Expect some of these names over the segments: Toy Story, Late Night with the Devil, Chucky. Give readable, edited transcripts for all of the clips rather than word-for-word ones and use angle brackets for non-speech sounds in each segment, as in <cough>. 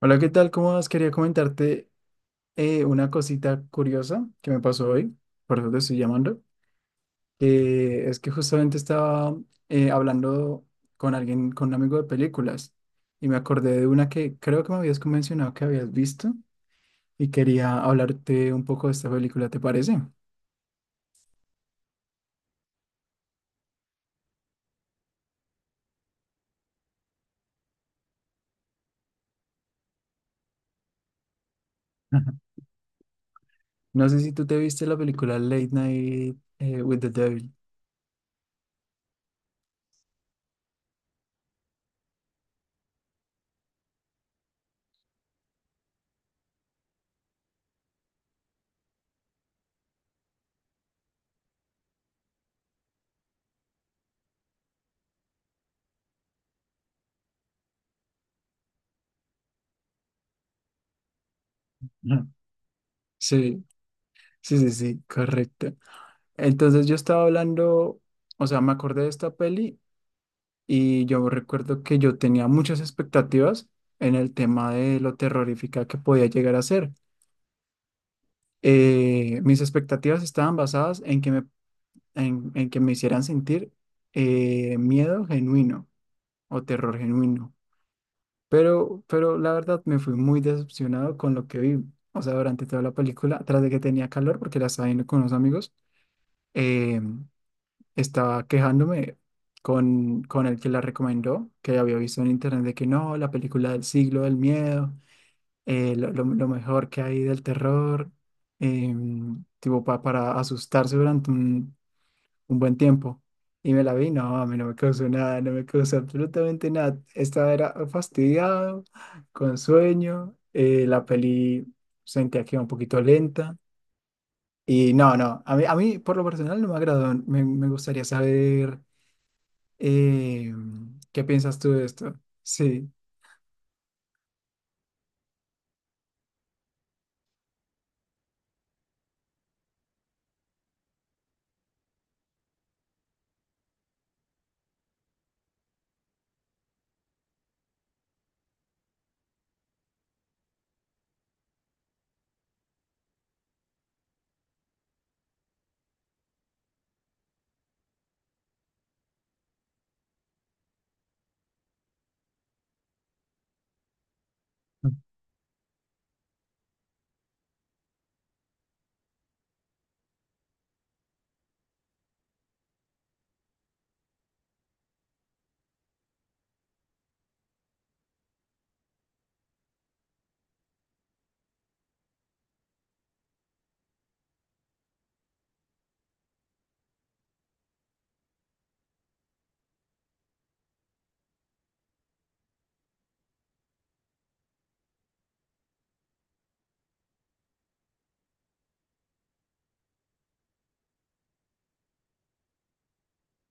Hola, ¿qué tal? ¿Cómo vas? Quería comentarte una cosita curiosa que me pasó hoy, por eso te estoy llamando. Que es que justamente estaba hablando con alguien, con un amigo de películas, y me acordé de una que creo que me habías mencionado que habías visto, y quería hablarte un poco de esta película, ¿te parece? <laughs> Ajá. No sé si tú te viste la película Late Night with the Devil. Ajá. Sí, sí, sí, sí, correcto. Entonces yo estaba hablando, o sea, me acordé de esta peli. Y yo recuerdo que yo tenía muchas expectativas en el tema de lo terrorífica que podía llegar a ser. Mis expectativas estaban basadas en que me, en que me hicieran sentir miedo genuino o terror genuino. Pero la verdad me fui muy decepcionado con lo que vi. O sea, durante toda la película, tras de que tenía calor porque la estaba viendo con unos amigos, eh, estaba quejándome con el que la recomendó, que había visto en internet de que no, la película del siglo del miedo, lo mejor que hay del terror, tipo para asustarse durante un buen tiempo. Y me la vi, no, a mí no me causó nada, no me causó absolutamente nada. Estaba era fastidiado, con sueño, la peli sentía que iba un poquito lenta. Y no, no, a mí por lo personal no me agradó. Me gustaría saber eh, ¿qué piensas tú de esto? Sí.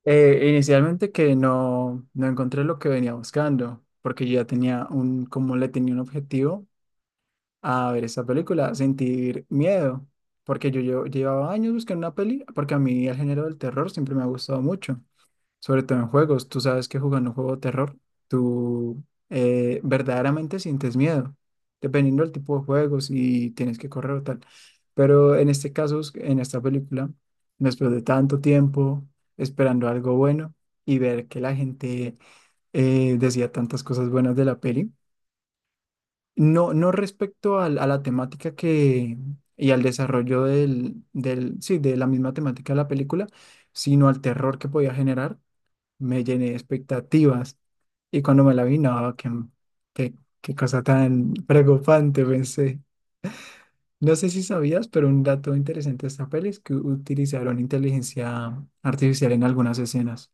Inicialmente que no, no encontré lo que venía buscando, porque yo ya tenía un, como le tenía un objetivo a ver esa película, sentir miedo, porque yo llevaba años buscando una peli, porque a mí el género del terror siempre me ha gustado mucho. Sobre todo en juegos. Tú sabes que jugando un juego de terror, tú verdaderamente sientes miedo, dependiendo del tipo de juegos y tienes que correr o tal. Pero en este caso, en esta película, después de tanto tiempo esperando algo bueno y ver que la gente decía tantas cosas buenas de la peli, no, no respecto a la temática que... y al desarrollo sí, de la misma temática de la película, sino al terror que podía generar me llené de expectativas. Y cuando me la vi, no, qué, qué, qué cosa tan preocupante, pensé. No sé si sabías, pero un dato interesante de esta peli es que utilizaron inteligencia artificial en algunas escenas.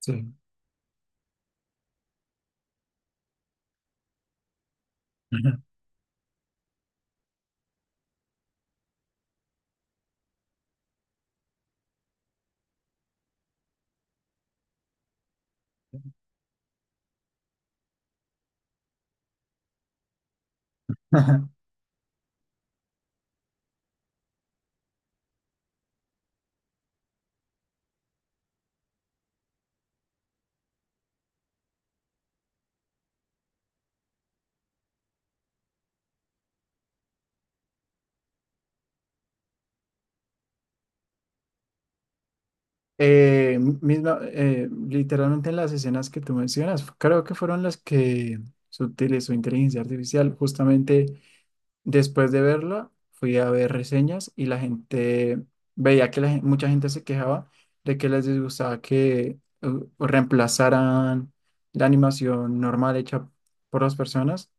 Sí. Ajá. <laughs> Literalmente en las escenas que tú mencionas, creo que fueron las que se utilizó inteligencia artificial. Justamente después de verla, fui a ver reseñas y la gente veía que mucha gente se quejaba de que les disgustaba que reemplazaran la animación normal hecha por las personas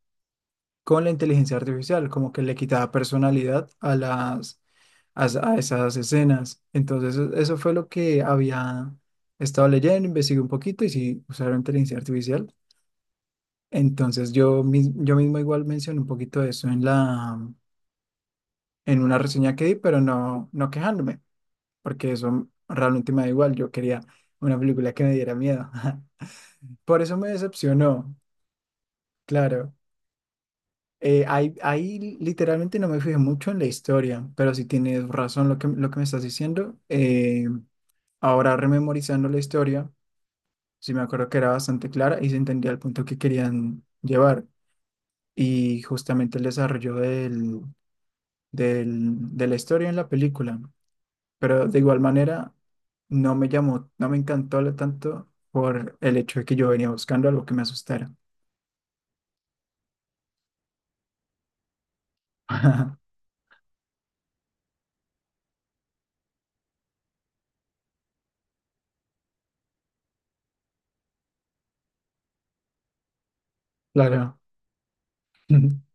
con la inteligencia artificial, como que le quitaba personalidad a las a, a esas escenas. Entonces, eso fue lo que había estado leyendo, investigué un poquito y sí usaron inteligencia artificial. Entonces, yo, yo mismo igual mencioné un poquito de eso en la en una reseña que di, pero no, no quejándome, porque eso realmente me da igual. Yo quería una película que me diera miedo. <laughs> Por eso me decepcionó, claro. Ahí, ahí literalmente no me fijé mucho en la historia, pero si tienes razón lo que me estás diciendo. Ahora rememorizando la historia, sí me acuerdo que era bastante clara y se entendía el punto que querían llevar. Y justamente el desarrollo de la historia en la película. Pero de igual manera no me llamó, no me encantó lo tanto por el hecho de que yo venía buscando algo que me asustara. <laughs> Claro. <laughs>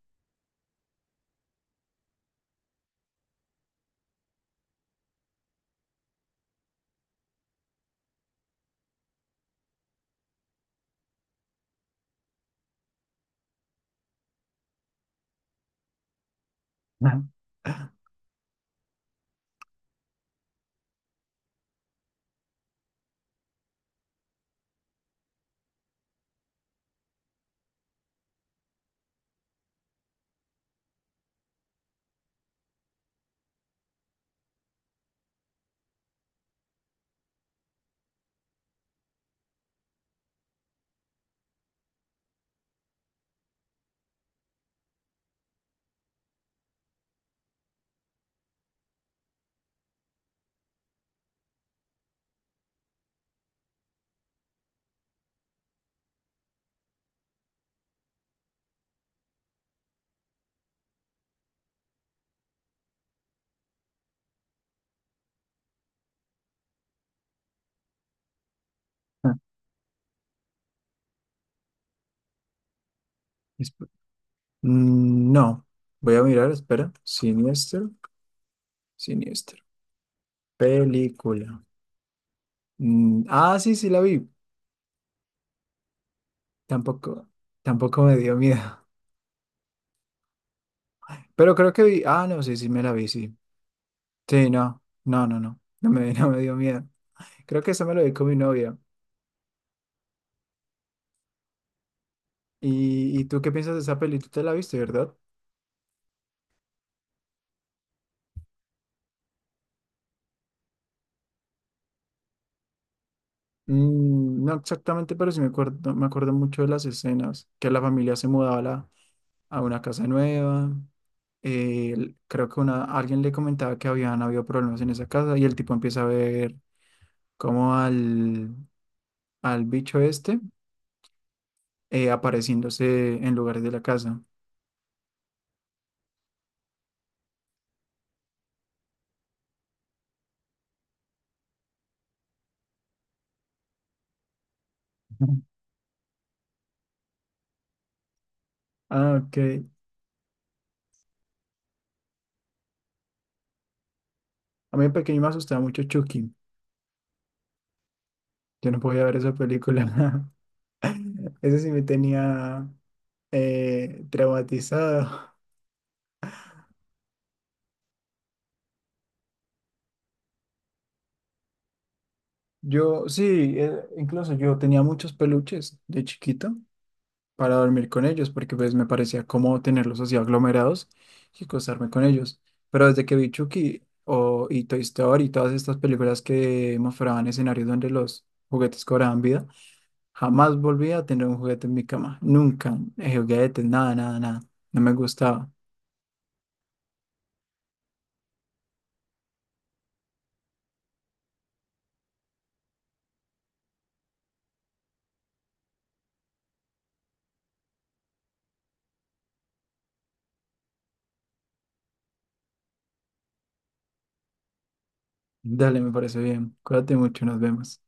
Esp- no, voy a mirar, espera. Siniestro, siniestro. Película. Mm, ah, sí, sí la vi. Tampoco, tampoco me dio miedo. <laughs> Pero creo que vi. Ah, no, sí, sí me la vi, sí. Sí, no, no, no, no. No me, <laughs> no me dio miedo. Creo que esa me la vi con mi novia. Y tú qué piensas de esa peli? Tú te la viste, ¿verdad? Mm, no exactamente, pero sí me acuerdo mucho de las escenas, que la familia se mudaba a, a una casa nueva, creo que una, alguien le comentaba que habían habido problemas en esa casa y el tipo empieza a ver como al, al bicho este apareciéndose en lugares de la casa. Ujú. Ah, ok. A mí de pequeño me asustaba mucho Chucky, yo no podía ver esa película. <laughs> Ese sí me tenía traumatizado. Yo, sí, incluso yo tenía muchos peluches de chiquito para dormir con ellos, porque pues me parecía cómodo tenerlos así aglomerados y acostarme con ellos. Pero desde que vi Chucky o, y Toy Story y todas estas películas que mostraban escenarios donde los juguetes cobraban vida, jamás volví a tener un juguete en mi cama. Nunca. Juguetes, nada, nada, nada. No me gustaba. Dale, me parece bien. Cuídate mucho, nos vemos.